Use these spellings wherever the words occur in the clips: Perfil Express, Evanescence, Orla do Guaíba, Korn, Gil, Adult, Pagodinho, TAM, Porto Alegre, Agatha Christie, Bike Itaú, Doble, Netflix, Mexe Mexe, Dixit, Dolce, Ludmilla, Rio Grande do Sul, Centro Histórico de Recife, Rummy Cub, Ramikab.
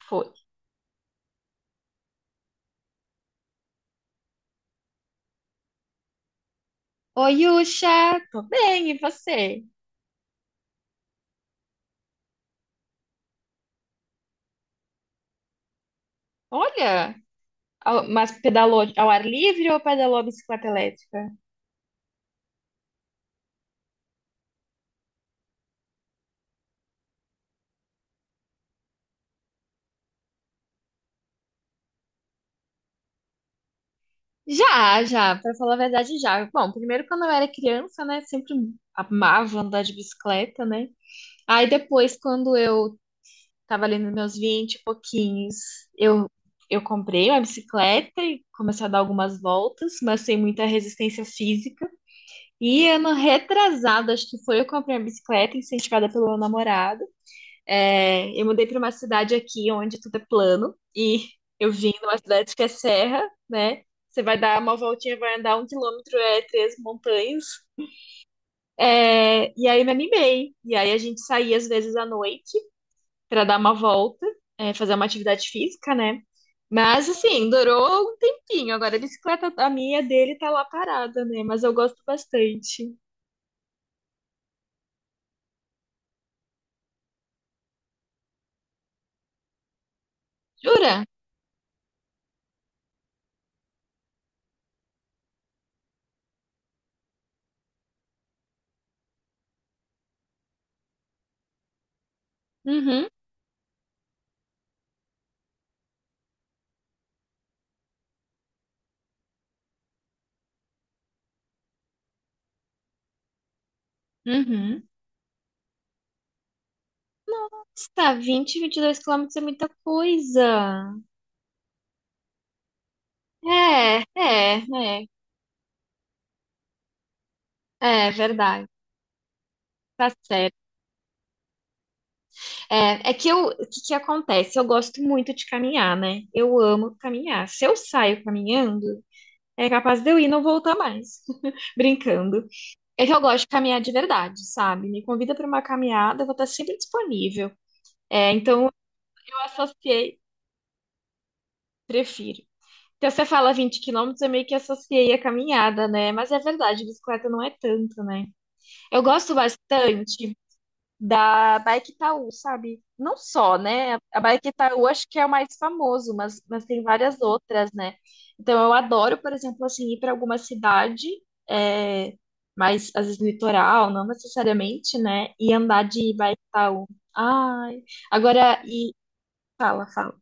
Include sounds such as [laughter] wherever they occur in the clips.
Foi. Oi, Yusha, tô bem, e você? Olha, mas pedalou ao ar livre ou pedalou a bicicleta elétrica? Já, já, pra falar a verdade, já. Bom, primeiro quando eu era criança, né, sempre amava andar de bicicleta, né? Aí depois, quando eu tava ali nos meus 20 e pouquinhos, eu, eu comprei uma bicicleta e comecei a dar algumas voltas, mas sem muita resistência física. E ano retrasado, acho que foi, eu comprei uma bicicleta incentivada pelo meu namorado. É, eu mudei para uma cidade aqui onde tudo é plano e eu vim numa cidade que é serra, né? Você vai dar uma voltinha, vai andar um quilômetro, é três montanhas. É, e aí me animei. E aí a gente saía às vezes à noite para dar uma volta, é, fazer uma atividade física, né? Mas assim, durou um tempinho. Agora a bicicleta, a minha dele tá lá parada, né? Mas eu gosto bastante. Jura? Uhum, uhum. Nossa, 20, 22 quilômetros é muita coisa. É, é, é, é verdade, tá certo. É, é que eu, o que que acontece? Eu gosto muito de caminhar, né? Eu amo caminhar. Se eu saio caminhando, é capaz de eu ir e não voltar mais, [laughs] brincando. É que eu gosto de caminhar de verdade, sabe? Me convida para uma caminhada, eu vou estar sempre disponível. É, então eu associei, prefiro. Então você fala 20 quilômetros, eu meio que associei a caminhada, né? Mas é verdade, bicicleta não é tanto, né? Eu gosto bastante da Bike Itaú, sabe? Não só, né? A Bike Itaú acho que é o mais famoso, mas tem várias outras, né? Então eu adoro, por exemplo, assim, ir para alguma cidade, é, mais às vezes litoral, não necessariamente, né? E andar de Bike Itaú. Ai, agora e fala, fala.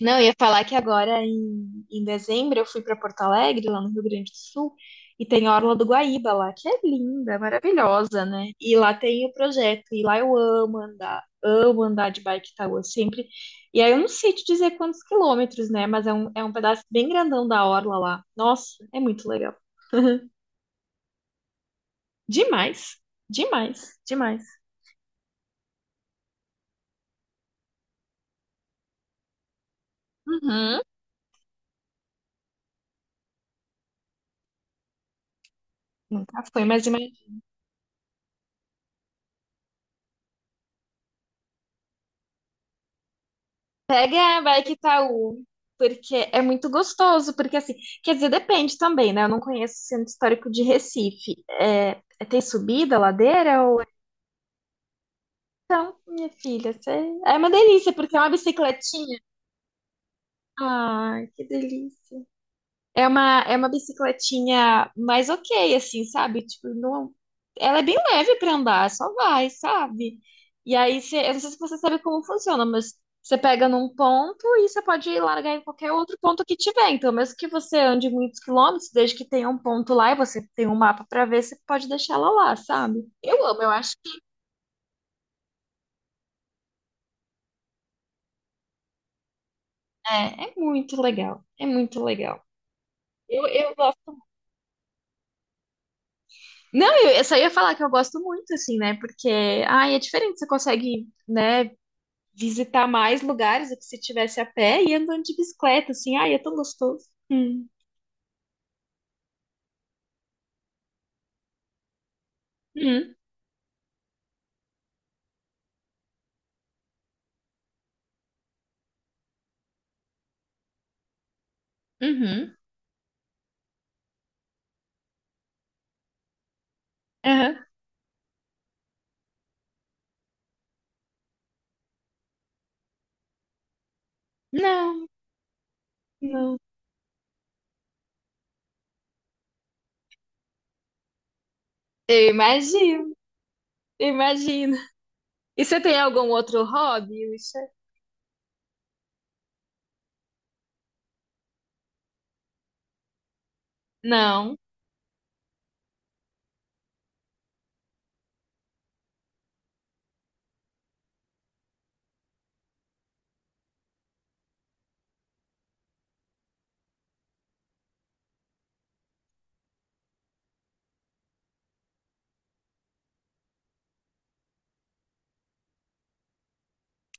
Não, eu ia falar que agora em dezembro eu fui para Porto Alegre, lá no Rio Grande do Sul, e tem a Orla do Guaíba lá, que é linda, maravilhosa, né? E lá tem o projeto, e lá eu amo andar de Bike Itaú sempre. E aí eu não sei te dizer quantos quilômetros, né? Mas é um pedaço bem grandão da Orla lá. Nossa, é muito legal. Demais, demais, demais. Uhum. Nunca foi, mas imagina. Pega a Bike Itaú, porque é muito gostoso, porque assim, quer dizer, depende também, né? Eu não conheço o Centro Histórico de Recife. É, tem subida, ladeira ou... Então, minha filha, é uma delícia, porque é uma bicicletinha. Ai, que delícia. É uma bicicletinha mais ok, assim, sabe? Tipo, não. Ela é bem leve pra andar, só vai, sabe? E aí, eu não sei se você sabe como funciona, mas você pega num ponto e você pode largar em qualquer outro ponto que tiver. Então, mesmo que você ande muitos quilômetros, desde que tenha um ponto lá e você tem um mapa pra ver, você pode deixar ela lá, sabe? Eu amo, eu acho que é muito legal. É muito legal. Eu gosto. Não, eu só ia falar que eu gosto muito, assim, né? Porque, ai, é diferente, você consegue, né? Visitar mais lugares do que se tivesse a pé e andando de bicicleta, assim. Ai, é tão gostoso. Hum. Uhum, uhum, aham. Não, não. Eu imagino, eu imagino. E você tem algum outro hobby, Ucha? Não.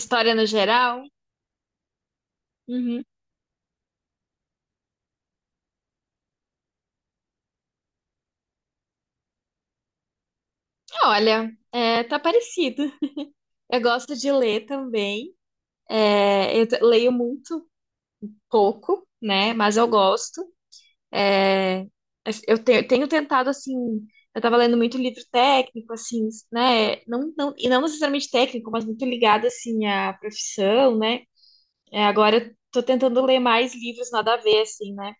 História no geral? Uhum. Olha, é, tá parecido. Eu gosto de ler também. É, eu leio muito pouco, né? Mas eu gosto. É, eu tenho tentado, assim, eu tava lendo muito livro técnico, assim, né? Não, não, e não necessariamente técnico, mas muito ligado, assim, à profissão, né? É, agora eu tô tentando ler mais livros nada a ver, assim, né?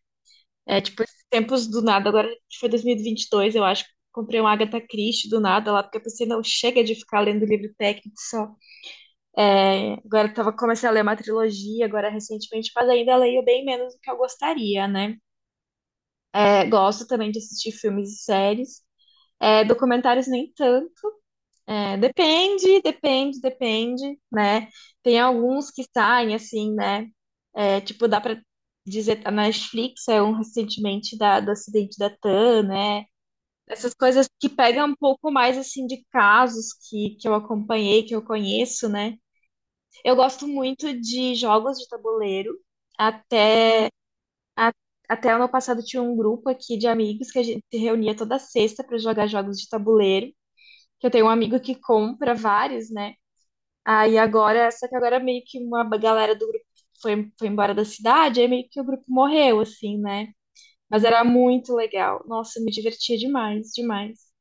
É, tipo, esses tempos do nada, agora foi dois mil e vinte e dois eu acho, comprei um Agatha Christie do nada lá, porque eu pensei, não, chega de ficar lendo livro técnico só. É, agora eu comecei a ler uma trilogia, agora recentemente, mas ainda leio bem menos do que eu gostaria, né? É, gosto também de assistir filmes e séries. É, documentários nem tanto. É, depende, depende, depende, né? Tem alguns que saem assim, né? É, tipo, dá pra dizer, a Netflix é um recentemente da, do acidente da TAM, né? Essas coisas que pegam um pouco mais assim de casos que eu acompanhei, que eu conheço, né? Eu gosto muito de jogos de tabuleiro, até a- até ano passado tinha um grupo aqui de amigos que a gente se reunia toda sexta para jogar jogos de tabuleiro, que eu tenho um amigo que compra vários, né? Aí agora, só que agora meio que uma galera do grupo foi embora da cidade, aí meio que o grupo morreu, assim, né? Mas era muito legal. Nossa, eu me divertia demais, demais.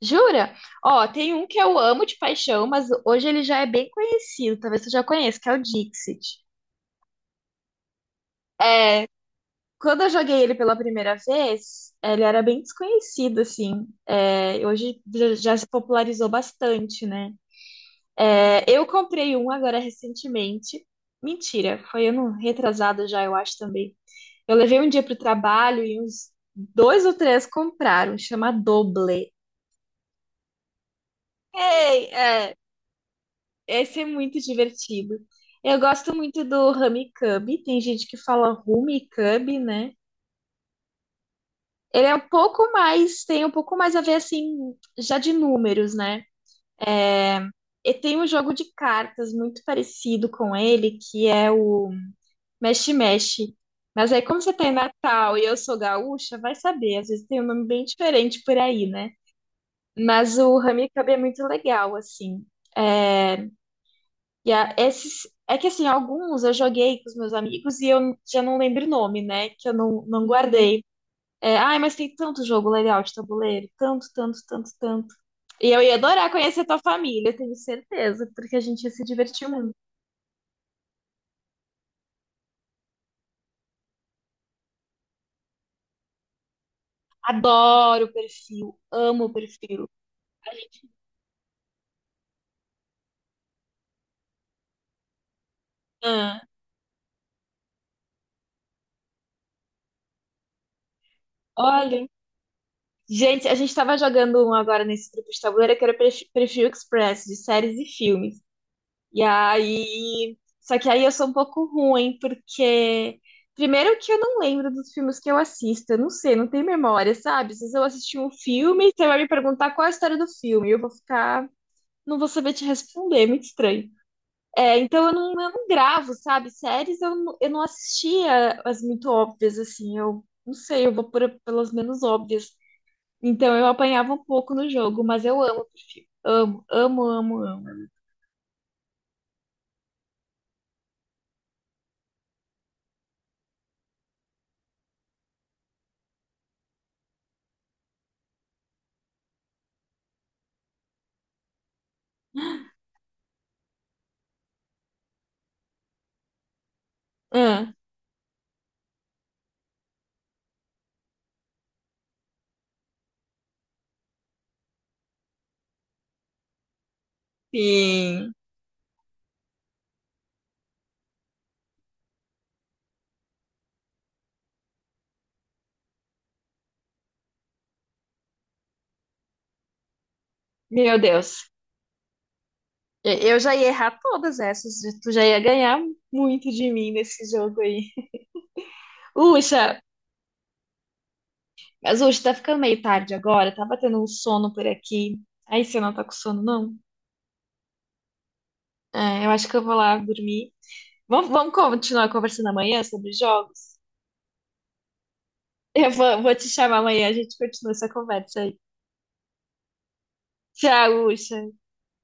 Jura? Ó, tem um que eu amo de paixão, mas hoje ele já é bem conhecido, talvez tu já conheça, que é o Dixit. é Quando eu joguei ele pela primeira vez, ele era bem desconhecido, assim. É, hoje já já se popularizou bastante, né? É, eu comprei um agora recentemente. Mentira, foi ano retrasado já, eu acho também. Eu levei um dia pro trabalho e uns dois ou três compraram, chama Doble. Ei, é, esse é muito divertido. Eu gosto muito do Rummy Cub, tem gente que fala Rummy Cub, né? Ele é um pouco mais, tem um pouco mais a ver assim, já de números, né? É, e tem um jogo de cartas muito parecido com ele, que é o Mexe Mexe. Mas aí, como você tem Natal e eu sou gaúcha, vai saber, às vezes tem um nome bem diferente por aí, né? Mas o Ramikab é muito legal, assim. É, e esses, é que assim, alguns eu joguei com os meus amigos e eu já não lembro o nome, né? Que eu não guardei. É, ai, mas tem tanto jogo legal de tabuleiro, tanto, tanto, tanto, tanto. E eu ia adorar conhecer a tua família, eu tenho certeza, porque a gente ia se divertir muito. Adoro o perfil, amo o perfil. A gente, ah, olha, gente, a gente tava jogando um agora nesse grupo de tabuleiro que era Perfil Express, de séries e filmes. E aí. Só que aí eu sou um pouco ruim, porque. Primeiro que eu não lembro dos filmes que eu assisto, eu não sei, não tenho memória, sabe? Se eu assistir um filme, você vai me perguntar qual é a história do filme, eu vou ficar. Não vou saber te responder, é muito estranho. É, então eu não gravo, sabe? Séries eu não assistia as muito óbvias, assim, eu não sei, eu vou pelas menos óbvias. Então eu apanhava um pouco no jogo, mas eu amo, amo, amo, amo, amo. Ah, sim. Meu Deus. Eu já ia errar todas essas. E tu já ia ganhar muito de mim nesse jogo aí. Uxa, mas Uxa, tá ficando meio tarde agora. Tá batendo um sono por aqui. Aí você não tá com sono, não? É, eu acho que eu vou lá dormir. Vamos continuar conversando amanhã sobre jogos? Eu vou te chamar amanhã, a gente continua essa conversa aí. Tchau, Uxa.